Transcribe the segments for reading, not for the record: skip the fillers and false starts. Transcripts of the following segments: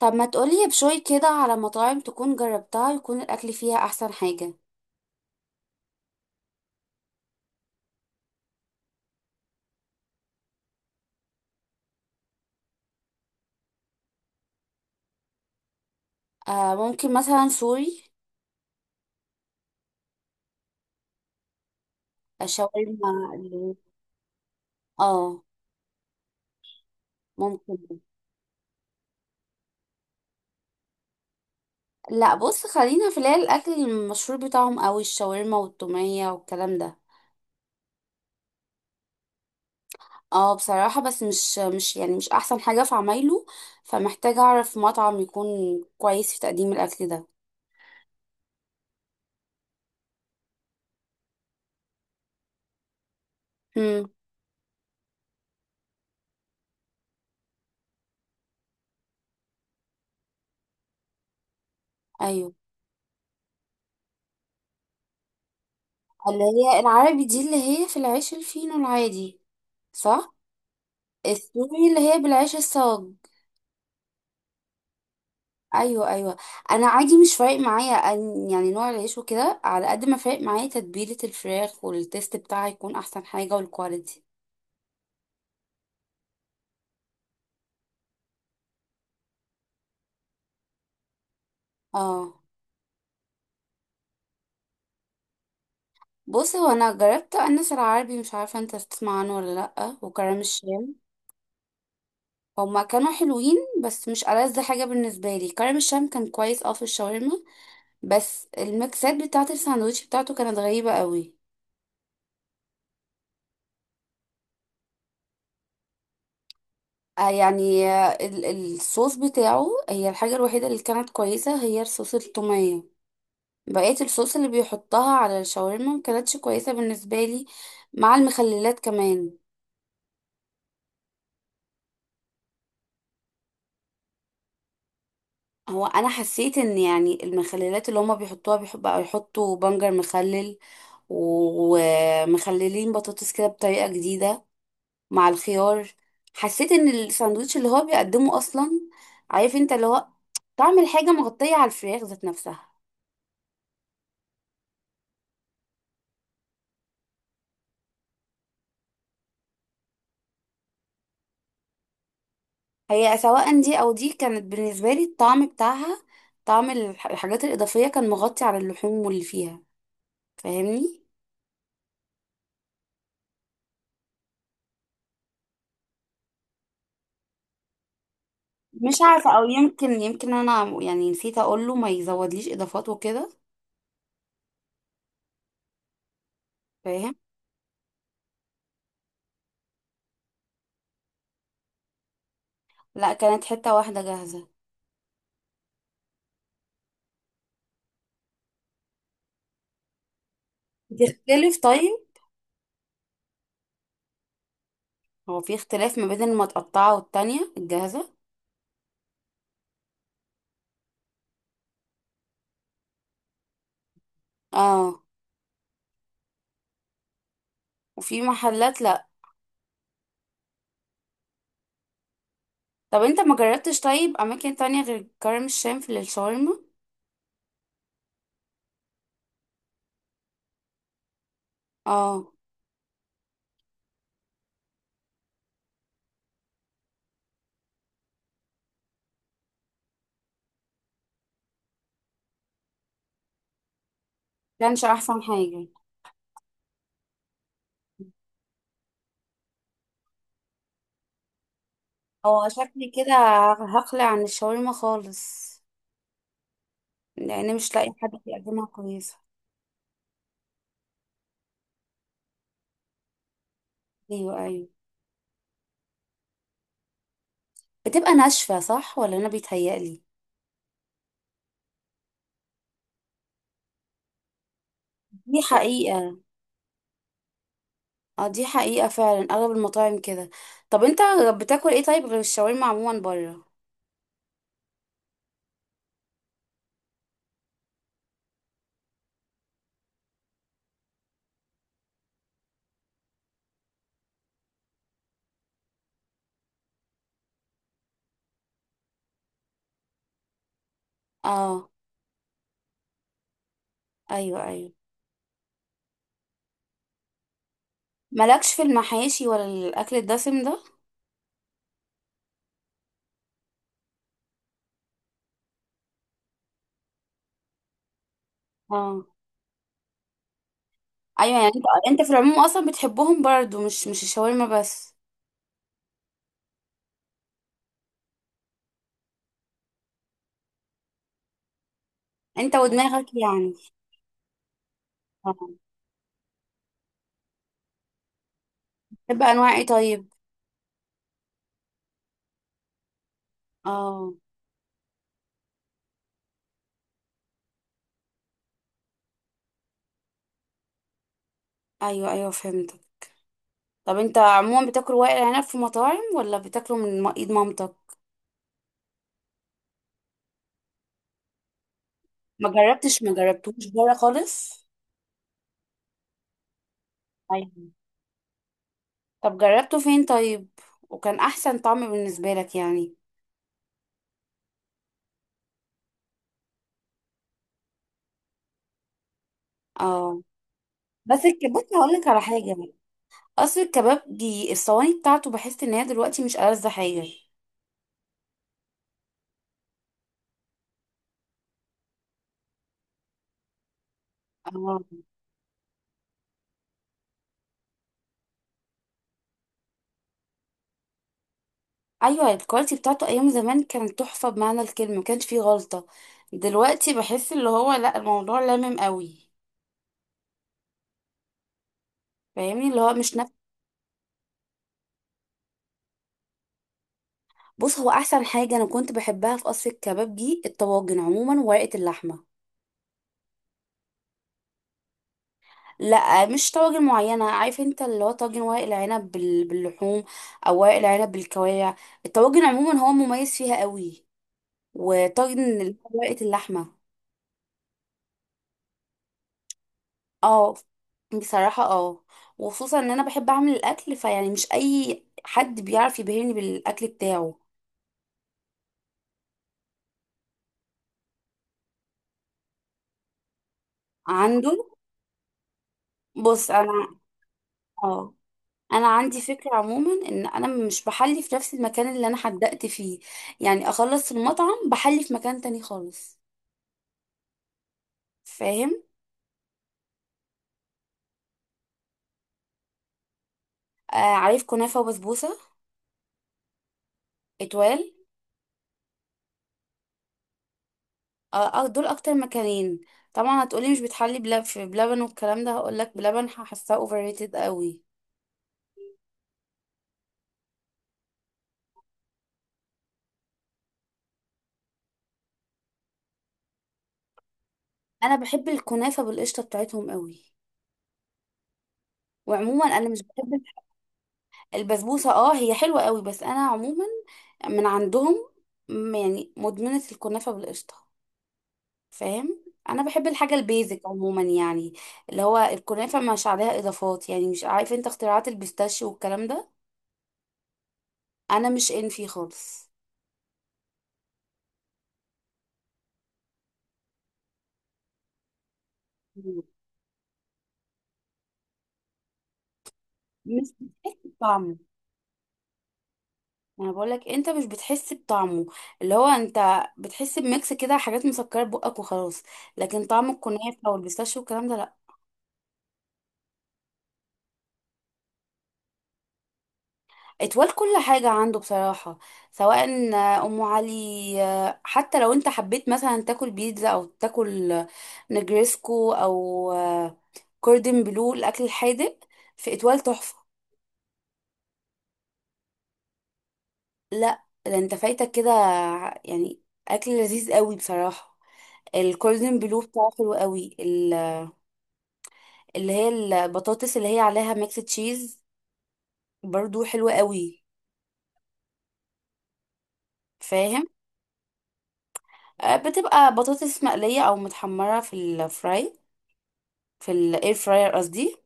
طب ما تقولي بشوي كده على مطاعم تكون جربتها يكون الأكل فيها أحسن حاجة. آه، ممكن مثلا سوري. الشاورما ال- اه، ممكن. لا بص، خلينا في اللي هي الأكل المشهور بتاعهم أوي، الشاورما والتومية والكلام ده. اه بصراحة، بس مش يعني مش أحسن حاجة في عمايله، فمحتاجة أعرف مطعم يكون كويس في تقديم الأكل ده. امم أيوه، اللي هي العربي دي اللي هي في العيش الفينو العادي، صح. السوري اللي هي بالعيش الصاج. ايوه ايوه، انا عادي مش فارق معايا أن يعني نوع العيش وكده، على قد ما فارق معايا تتبيله الفراخ والتيست بتاعها يكون احسن حاجه والكواليتي. اه بص، هو انا جربت انس العربي، مش عارفه انت تسمع عنه ولا لا، وكرم الشام. هما كانوا حلوين بس مش ألذ حاجه بالنسبه لي. كرم الشام كان كويس اه في الشاورما، بس الميكسات بتاعه الساندوتش بتاعته كانت غريبه قوي. آه يعني الصوص بتاعه، هي الحاجه الوحيده اللي كانت كويسه هي الصوص التوميه. بقية الصوص اللي بيحطها على الشاورما مكانتش كويسة بالنسبة لي، مع المخللات كمان. هو انا حسيت ان يعني المخللات اللي هما بيحطوها، بيحب بقى يحطوا بنجر مخلل ومخللين بطاطس كده بطريقة جديدة مع الخيار. حسيت ان الساندوتش اللي هو بيقدمه اصلا، عارف انت اللي هو، طعم الحاجة مغطية على الفراخ ذات نفسها. هي سواء دي او دي كانت بالنسبة لي الطعم بتاعها، طعم الحاجات الإضافية كان مغطي على اللحوم واللي فيها. فاهمني. مش عارفة، او يمكن انا يعني نسيت اقول له ما يزودليش اضافات وكده. فاهم. لا، كانت حتة واحدة جاهزة. بتختلف طيب؟ هو في اختلاف ما بين المتقطعة والتانية الجاهزة؟ اه. وفي محلات لا. طب انت ما جربتش طيب اماكن تانية غير كرم الشام في الشاورما؟ اه. كانش احسن حاجة. هو شكلي كده هقلع عن الشاورما خالص، لان مش لاقي حد بيقدمها كويسة. ايوه ايوه، بتبقى ناشفة صح، ولا انا بيتهيألي؟ دي حقيقة. اه دي حقيقة فعلا، اغلب المطاعم كده. طب انت بتاكل ايه طيب غير الشاورما عموما بره؟ اه. ايوه ايوه. مالكش في المحاشي ولا الاكل الدسم ده؟ اه. ايوه يعني، انت في العموم اصلا بتحبهم برضو، مش الشاورما بس. انت ودماغك يعني. اه. بتحب انواع ايه طيب؟ اه. ايوه ايوه فهمتك. طب انت عموما بتاكل ورق العنب في مطاعم، ولا بتاكله من ايد مامتك؟ ما جربتش، ما جربتوش بره خالص؟ أيوه. طب جربته فين طيب، وكان احسن طعم بالنسبه لك يعني؟ اه. بس الكباب هقول لك على حاجه، اصل الكباب دي الصواني بتاعته بحس ان هي دلوقتي مش ألذ حاجه. اه ايوه، الكواليتي بتاعته ايام زمان كانت تحفه بمعنى الكلمه، ما كانش فيه غلطه. دلوقتي بحس اللي هو لا، الموضوع لامم قوي. فاهمني اللي هو مش نفس. بص هو احسن حاجه انا كنت بحبها في قصر الكباب دي الطواجن عموما، وورقه اللحمه. لا مش طواجن معينة، عارف انت اللي هو طاجن ورق العنب باللحوم، او ورق العنب بالكوارع. الطواجن عموما هو مميز فيها قوي، وطاجن اللي هو ورقة اللحمة. اه بصراحة اه، وخصوصا ان انا بحب اعمل الاكل، فيعني مش اي حد بيعرف يبهرني بالاكل بتاعه. عنده. بص انا، اه، انا عندي فكرة عموما ان انا مش بحلي في نفس المكان اللي انا حدقت فيه، يعني اخلص المطعم بحلي في مكان تاني خالص. فاهم. آه، عارف كنافة وبسبوسة. اتوال. آه. دول اكتر مكانين. طبعا هتقولي مش بتحلي بلب في بلبن والكلام ده، هقولك بلبن هحسها اوفر ريتد قوي. انا بحب الكنافة بالقشطة بتاعتهم قوي. وعموما انا مش بحب البسبوسة، اه هي حلوة قوي، بس انا عموما من عندهم، يعني مدمنة الكنافة بالقشطة. فاهم، انا بحب الحاجة البيزك عموما، يعني اللي هو الكنافة مش عليها اضافات، يعني مش عارف انت اختراعات البيستاشيو والكلام ده. انا مش ان فيه خالص. مش بطعمه. انا بقول لك انت مش بتحس بطعمه، اللي هو انت بتحس بميكس كده، حاجات مسكره بقك وخلاص. لكن طعم الكنافه والبيستاشيو والكلام ده لا. اتوال كل حاجه عنده بصراحه، سواء ام علي، حتى لو انت حبيت مثلا تاكل بيتزا او تاكل نجريسكو او كوردن بلو، الاكل الحادق، في اتوال تحفه. لا ده انت فايتك كده يعني، اكل لذيذ قوي بصراحه. الكوردن بلو بتاعه حلو قوي، اللي هي البطاطس اللي هي عليها ميكس تشيز، برضو حلوة قوي. فاهم. آه، بتبقى بطاطس مقلية او متحمرة في الفراي، في الاير فراير قصدي.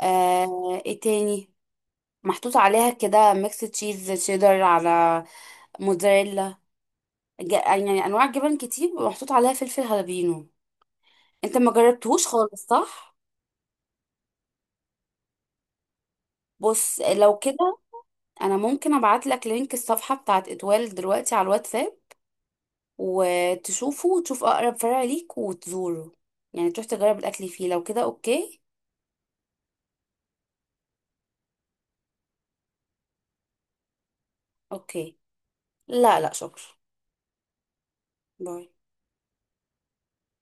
آه ايه تاني، محطوط عليها كده ميكس تشيز شيدر على موتزاريلا، يعني انواع جبن كتير، ومحطوط عليها فلفل هالبينو. انت ما جربتهوش خالص صح؟ بص لو كده انا ممكن ابعت لك لينك الصفحة بتاعت اتوال دلوقتي على الواتساب، وتشوفه وتشوف اقرب فرع ليك وتزوره، يعني تروح تجرب الاكل فيه، لو كده اوكي. اوكي. لا لا شكرا. باي.